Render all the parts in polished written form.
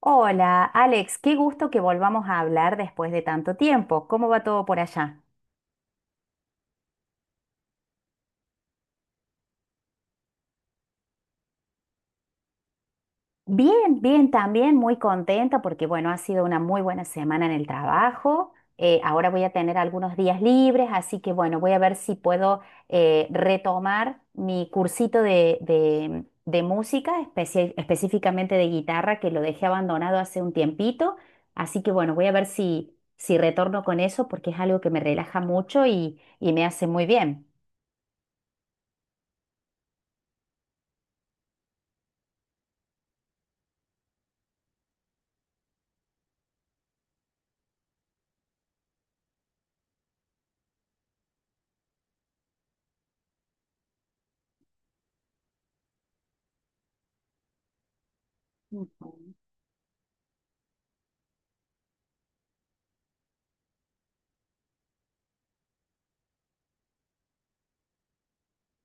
Hola, Alex, qué gusto que volvamos a hablar después de tanto tiempo. ¿Cómo va todo por allá? Bien, bien, también muy contenta porque, bueno, ha sido una muy buena semana en el trabajo. Ahora voy a tener algunos días libres, así que, bueno, voy a ver si puedo retomar mi cursito de música, específicamente de guitarra, que lo dejé abandonado hace un tiempito. Así que, bueno, voy a ver si retorno con eso porque es algo que me relaja mucho y me hace muy bien. Ujú.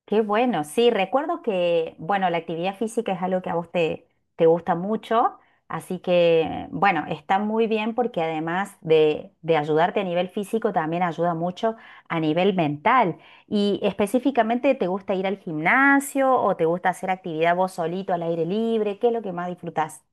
Qué bueno, sí, recuerdo que, bueno, la actividad física es algo que a vos te gusta mucho, así que, bueno, está muy bien porque además de ayudarte a nivel físico, también ayuda mucho a nivel mental. Y específicamente, ¿te gusta ir al gimnasio o te gusta hacer actividad vos solito al aire libre? ¿Qué es lo que más disfrutás?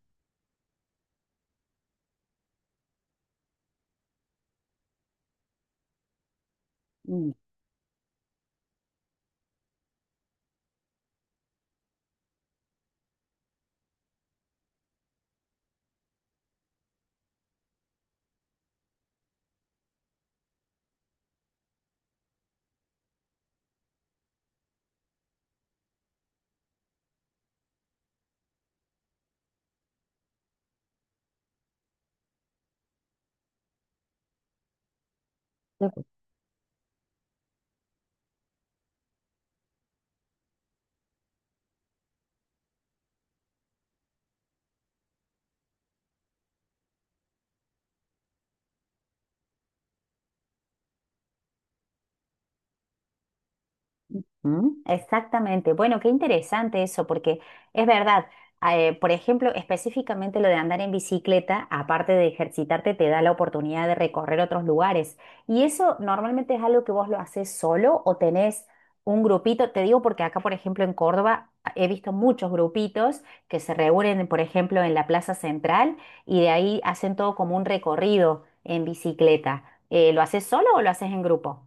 Mm, exactamente. Bueno, qué interesante eso, porque es verdad, por ejemplo, específicamente lo de andar en bicicleta, aparte de ejercitarte, te da la oportunidad de recorrer otros lugares. ¿Y eso normalmente es algo que vos lo haces solo o tenés un grupito? Te digo porque acá, por ejemplo, en Córdoba, he visto muchos grupitos que se reúnen, por ejemplo, en la Plaza Central y de ahí hacen todo como un recorrido en bicicleta. ¿Lo haces solo o lo haces en grupo?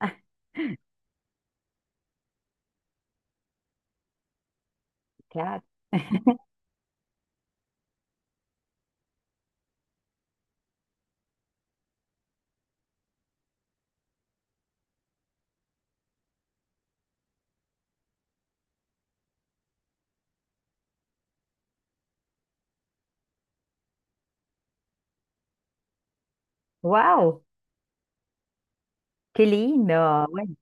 Claro. ¡Wow! Qué lindo. Bueno,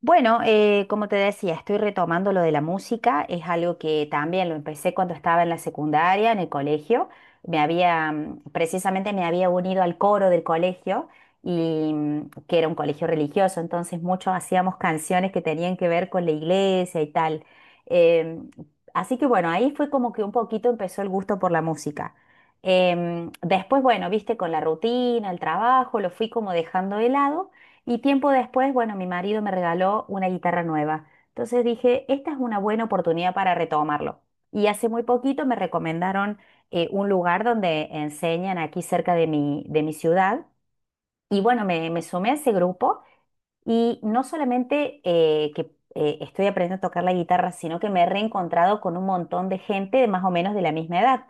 bueno, como te decía, estoy retomando lo de la música. Es algo que también lo empecé cuando estaba en la secundaria, en el colegio. Me había, precisamente me había unido al coro del colegio y que era un colegio religioso, entonces muchos hacíamos canciones que tenían que ver con la iglesia y tal. Em, Así que bueno, ahí fue como que un poquito empezó el gusto por la música. Después, bueno, viste, con la rutina, el trabajo, lo fui como dejando de lado. Y tiempo después, bueno, mi marido me regaló una guitarra nueva. Entonces dije, esta es una buena oportunidad para retomarlo. Y hace muy poquito me recomendaron un lugar donde enseñan aquí cerca de de mi ciudad. Y bueno, me sumé a ese grupo y no solamente que estoy aprendiendo a tocar la guitarra, sino que me he reencontrado con un montón de gente de más o menos de la misma edad.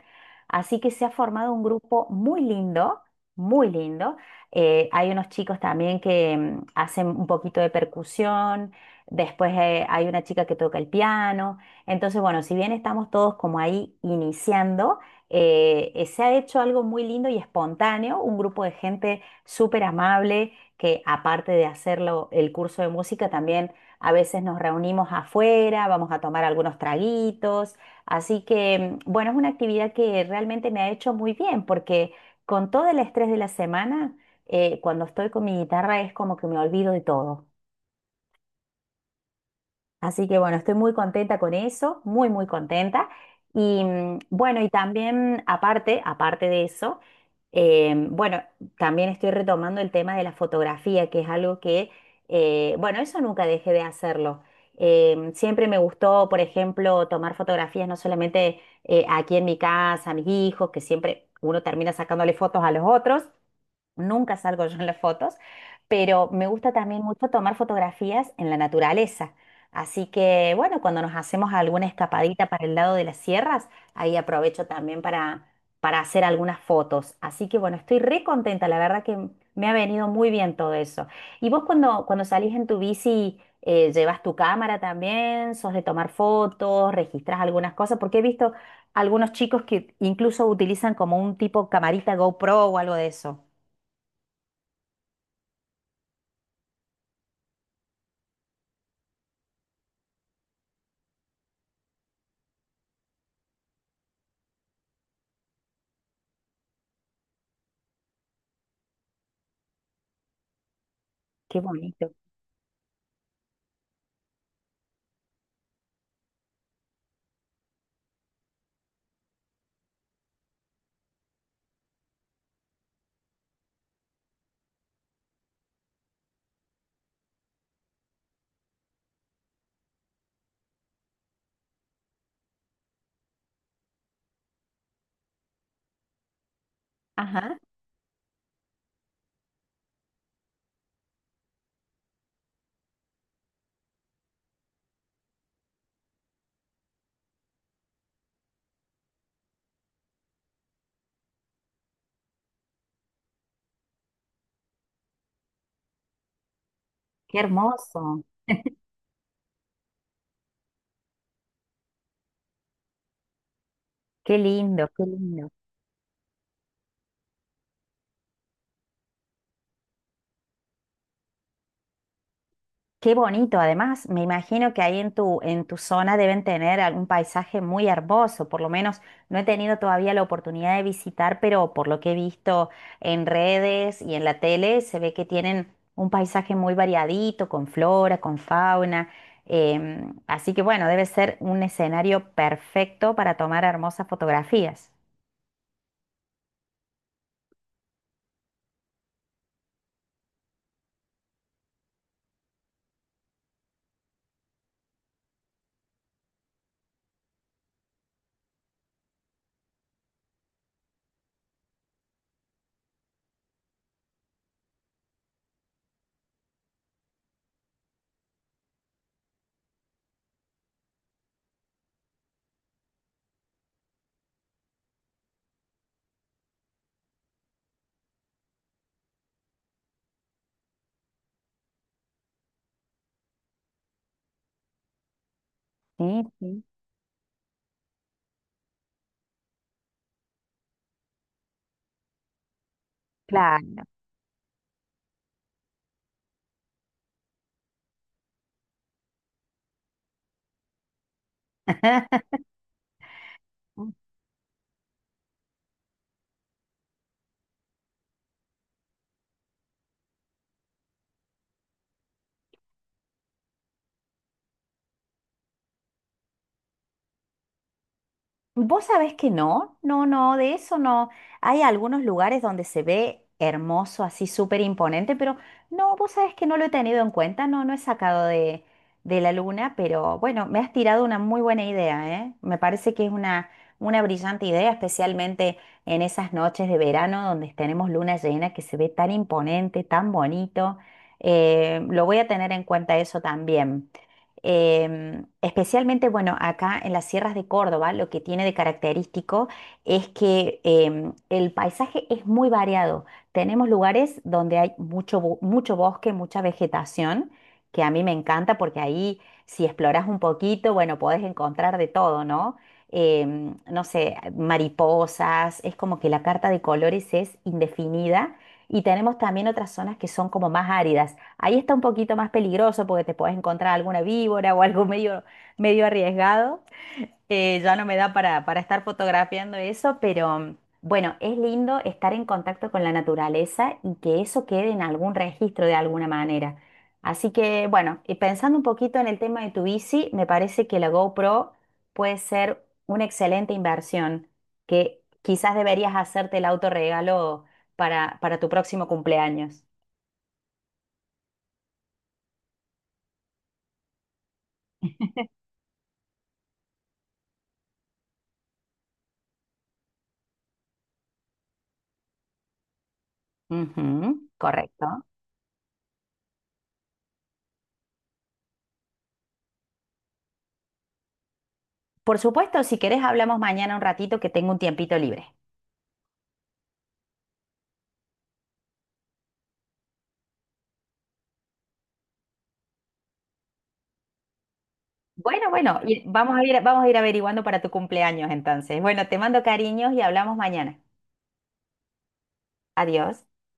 Así que se ha formado un grupo muy lindo, muy lindo. Hay unos chicos también que hacen un poquito de percusión, después hay una chica que toca el piano. Entonces, bueno, si bien estamos todos como ahí iniciando, se ha hecho algo muy lindo y espontáneo, un grupo de gente súper amable que aparte de hacerlo el curso de música, también a veces nos reunimos afuera, vamos a tomar algunos traguitos. Así que, bueno, es una actividad que realmente me ha hecho muy bien porque con todo el estrés de la semana, cuando estoy con mi guitarra es como que me olvido de todo. Así que bueno, estoy muy contenta con eso, muy, muy contenta. Y bueno, y también aparte, aparte de eso, bueno, también estoy retomando el tema de la fotografía, que es algo que, bueno, eso nunca dejé de hacerlo. Siempre me gustó, por ejemplo, tomar fotografías no solamente aquí en mi casa, a mis hijos, que siempre uno termina sacándole fotos a los otros, nunca salgo yo en las fotos, pero me gusta también mucho tomar fotografías en la naturaleza. Así que, bueno, cuando nos hacemos alguna escapadita para el lado de las sierras, ahí aprovecho también para hacer algunas fotos. Así que, bueno, estoy re contenta, la verdad que me ha venido muy bien todo eso. ¿Y vos cuando salís en tu bici, llevas tu cámara también? ¿Sos de tomar fotos? ¿Registras algunas cosas? Porque he visto algunos chicos que incluso utilizan como un tipo camarita GoPro o algo de eso. Qué bonito. Ajá, qué hermoso. Qué lindo, qué lindo. Qué bonito. Además, me imagino que ahí en en tu zona deben tener algún paisaje muy hermoso. Por lo menos no he tenido todavía la oportunidad de visitar, pero por lo que he visto en redes y en la tele, se ve que tienen un paisaje muy variadito, con flora, con fauna. Así que bueno, debe ser un escenario perfecto para tomar hermosas fotografías. Sí, sí. Claro. Vos sabés que no, no, no, de eso no. Hay algunos lugares donde se ve hermoso, así súper imponente, pero no, vos sabés que no lo he tenido en cuenta, no, no he sacado de la luna, pero bueno, me has tirado una muy buena idea, ¿eh? Me parece que es una brillante idea, especialmente en esas noches de verano donde tenemos luna llena que se ve tan imponente, tan bonito. Lo voy a tener en cuenta eso también. Especialmente, bueno, acá en las sierras de Córdoba, lo que tiene de característico es que el paisaje es muy variado. Tenemos lugares donde hay mucho, mucho bosque, mucha vegetación, que a mí me encanta porque ahí si exploras un poquito, bueno, podés encontrar de todo, ¿no? No sé, mariposas, es como que la carta de colores es indefinida. Y tenemos también otras zonas que son como más áridas. Ahí está un poquito más peligroso porque te puedes encontrar alguna víbora o algo medio, medio arriesgado. Ya no me da para estar fotografiando eso, pero bueno, es lindo estar en contacto con la naturaleza y que eso quede en algún registro de alguna manera. Así que bueno, y pensando un poquito en el tema de tu bici, me parece que la GoPro puede ser una excelente inversión, que quizás deberías hacerte el autorregalo para tu próximo cumpleaños. Ujú, correcto. Por supuesto, si querés hablamos mañana un ratito que tengo un tiempito libre. Bueno, bueno, y vamos a ir averiguando para tu cumpleaños entonces. Bueno, te mando cariños y hablamos mañana. Adiós.